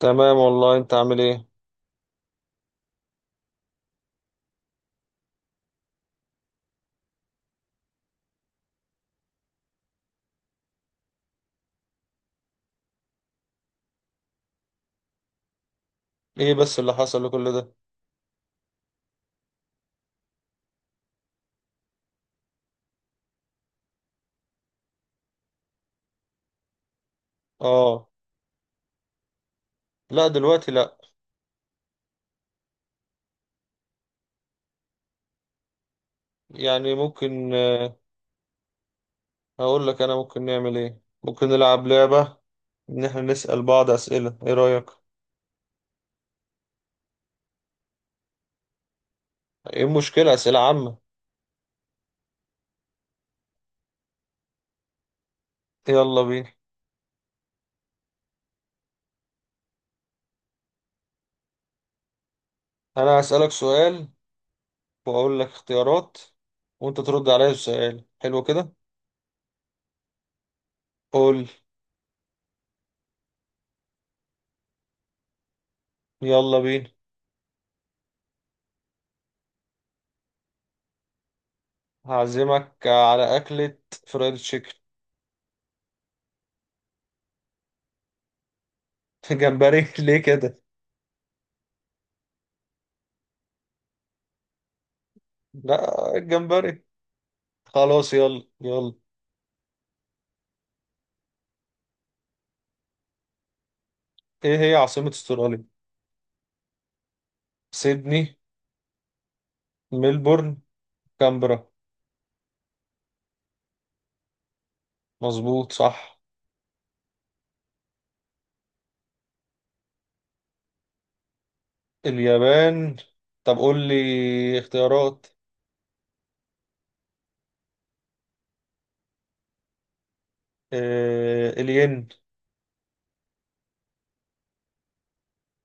تمام والله، انت عامل ايه؟ ايه بس اللي حصل لكل ده؟ اه، لا دلوقتي لا. يعني ممكن هقول لك انا ممكن نعمل ايه. ممكن نلعب لعبة، ان احنا نسأل بعض اسئلة. ايه رأيك؟ ايه المشكلة؟ اسئلة عامة. يلا بينا. انا هسألك سؤال، واقول لك اختيارات، وانت ترد عليا السؤال. حلو كده. قول. يلا بينا. هعزمك على اكلة فرايد تشيكن. جمبري ليه كده؟ لا الجمبري. خلاص، يلا يلا. ايه هي عاصمة استراليا؟ سيدني، ملبورن، كامبرا. مظبوط، صح. اليابان. طب قول لي اختيارات. آه، الين.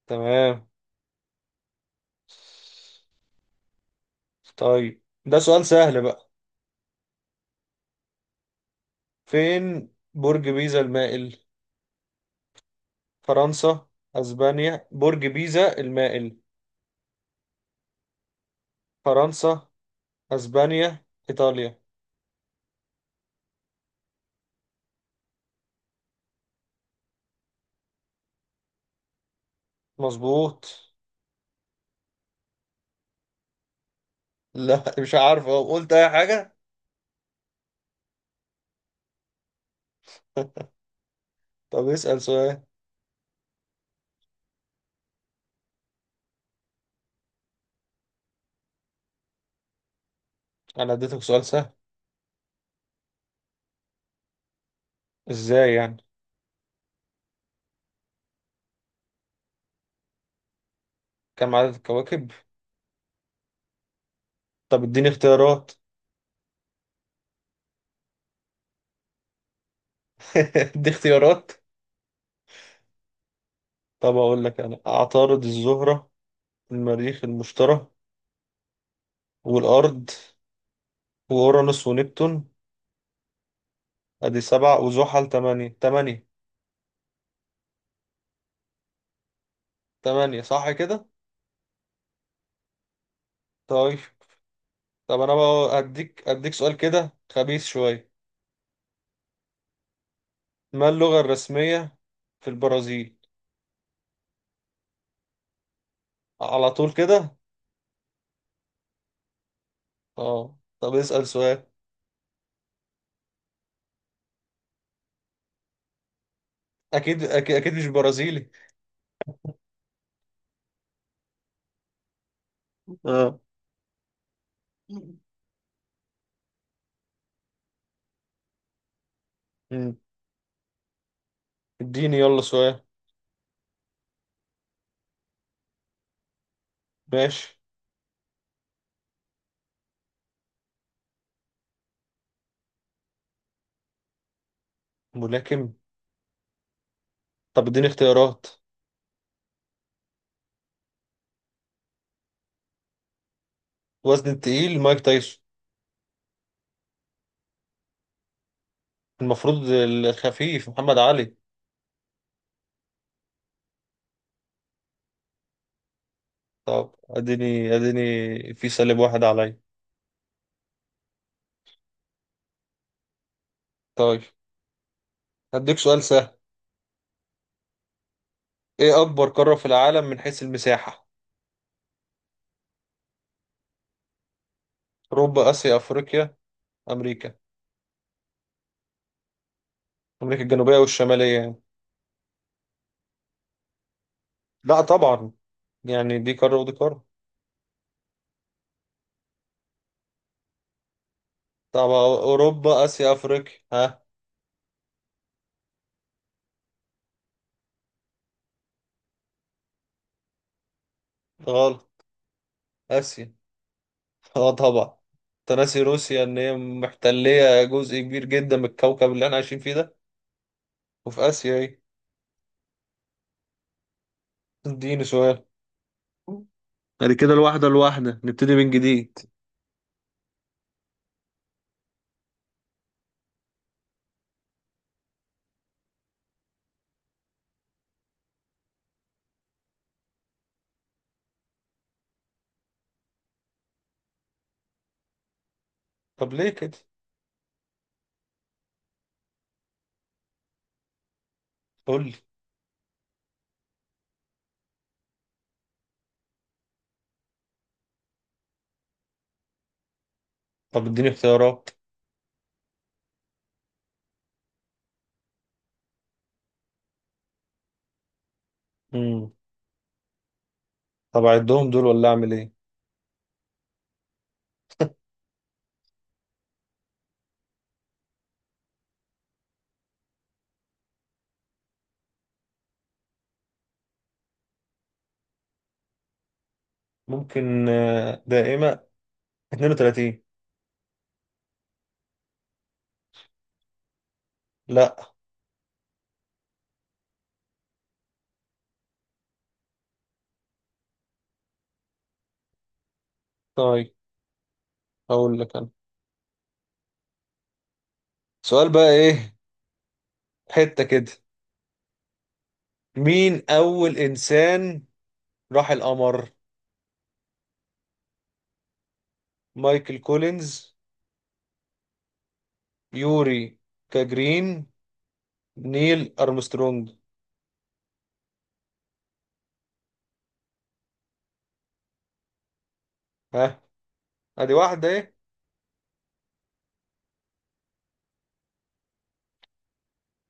تمام. طيب ده سؤال سهل بقى. فين برج بيزا المائل؟ فرنسا، اسبانيا. برج بيزا المائل؟ فرنسا، اسبانيا، ايطاليا. مظبوط. لا مش عارف أهو، قلت اي حاجة. طب اسأل سؤال. انا اديتك سؤال سهل. ازاي يعني؟ كم عدد الكواكب؟ طب اديني اختيارات. ادي اختيارات. طب اقول لك انا: عطارد، الزهرة، المريخ، المشتري، والارض، واورانوس، ونبتون. ادي سبعة، وزحل تمانية. تمانية. تمانية صح كده؟ طيب. طب انا بقى اديك سؤال كده خبيث شوية. ما اللغة الرسمية في البرازيل؟ على طول كده؟ اه. طب اسأل سؤال. اكيد، أكيد مش برازيلي. اه. مم. اديني يلا سؤال. ماشي. ملاكم. طب اديني اختيارات. وزن التقيل، مايك تايسون. المفروض الخفيف محمد علي. طب اديني في سالب واحد عليا. طيب هديك سؤال سهل. ايه اكبر قارة في العالم من حيث المساحة؟ اوروبا، اسيا، افريقيا، امريكا. امريكا الجنوبية والشمالية يعني؟ لا طبعا، يعني دي قارة ودي قارة. طب اوروبا، اسيا، افريقيا. ها؟ غلط. اسيا. اه طبعا. تناسي روسيا ان هي محتلية جزء كبير جدا من الكوكب اللي احنا عايشين فيه ده. وفي اسيا ايه. اديني سؤال. بعد كده الواحدة نبتدي من جديد. طب ليه كده؟ قول لي. طب اديني اختيارات. امم. طب اعدهم دول ولا اعمل ايه؟ ممكن دائمة. 32. لا. طيب اقول لك انا سؤال بقى ايه؟ حتة كده. مين اول انسان راح القمر؟ مايكل كولينز، يوري جاجرين، نيل ارمسترونج. ها؟ ادي واحدة ايه؟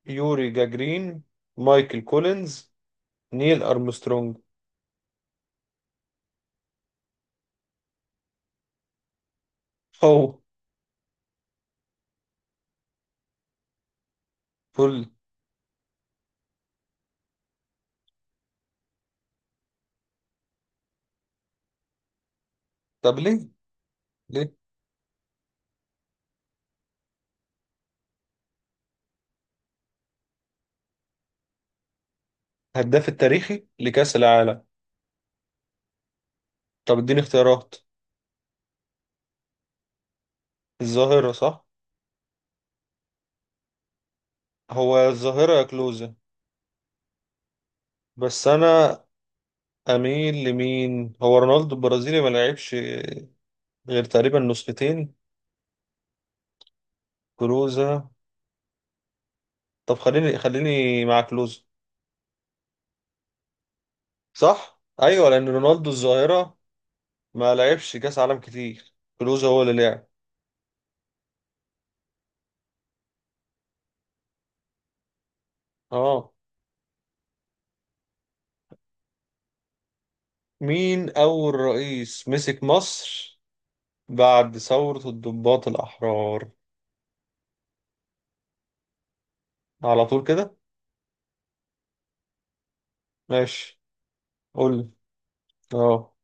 يوري جاجرين، مايكل كولينز، نيل ارمسترونج. هو. فل. طب ليه؟ ليه؟ هداف التاريخي لكأس العالم؟ طب اديني اختيارات. الظاهرة، صح. هو الظاهرة يا كلوزة. بس انا اميل لمين، هو رونالدو البرازيلي ما لعبش غير تقريبا نسختين. كلوزة. طب خليني مع كلوزة. صح، ايوه، لان رونالدو الظاهرة ما لعبش كأس عالم كتير. كلوزة هو اللي لعب. اه. مين اول رئيس مسك مصر بعد ثورة الضباط الأحرار؟ على طول كده؟ ماشي. قول لي. اه.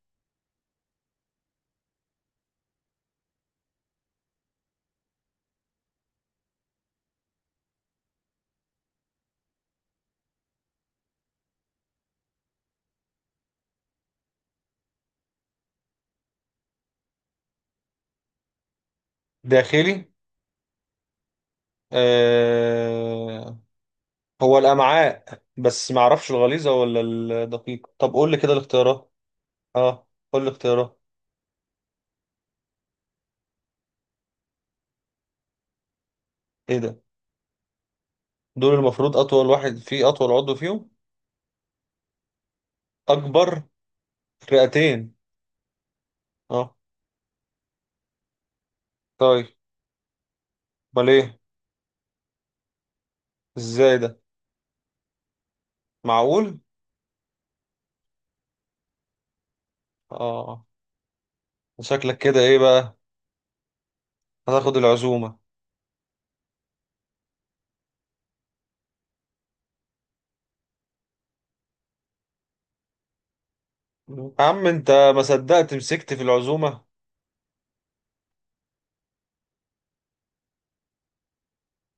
داخلي. آه، هو الامعاء، بس ما اعرفش الغليظه ولا الدقيقه. طب قول لي كده الاختيارات. اه قول لي الاختيارات. ايه ده؟ دول المفروض اطول واحد فيه، اطول عضو فيهم. اكبر. رئتين. اه. طيب، امال ايه؟ ازاي ده؟ معقول؟ اه. شكلك كده ايه بقى، هتاخد العزومه. يا عم انت، ما صدقت مسكت في العزومه.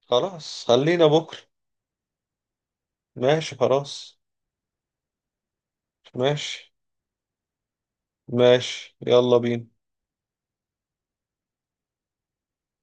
خلاص، خلينا بكره. ماشي خلاص. ماشي، ماشي، يلا بينا.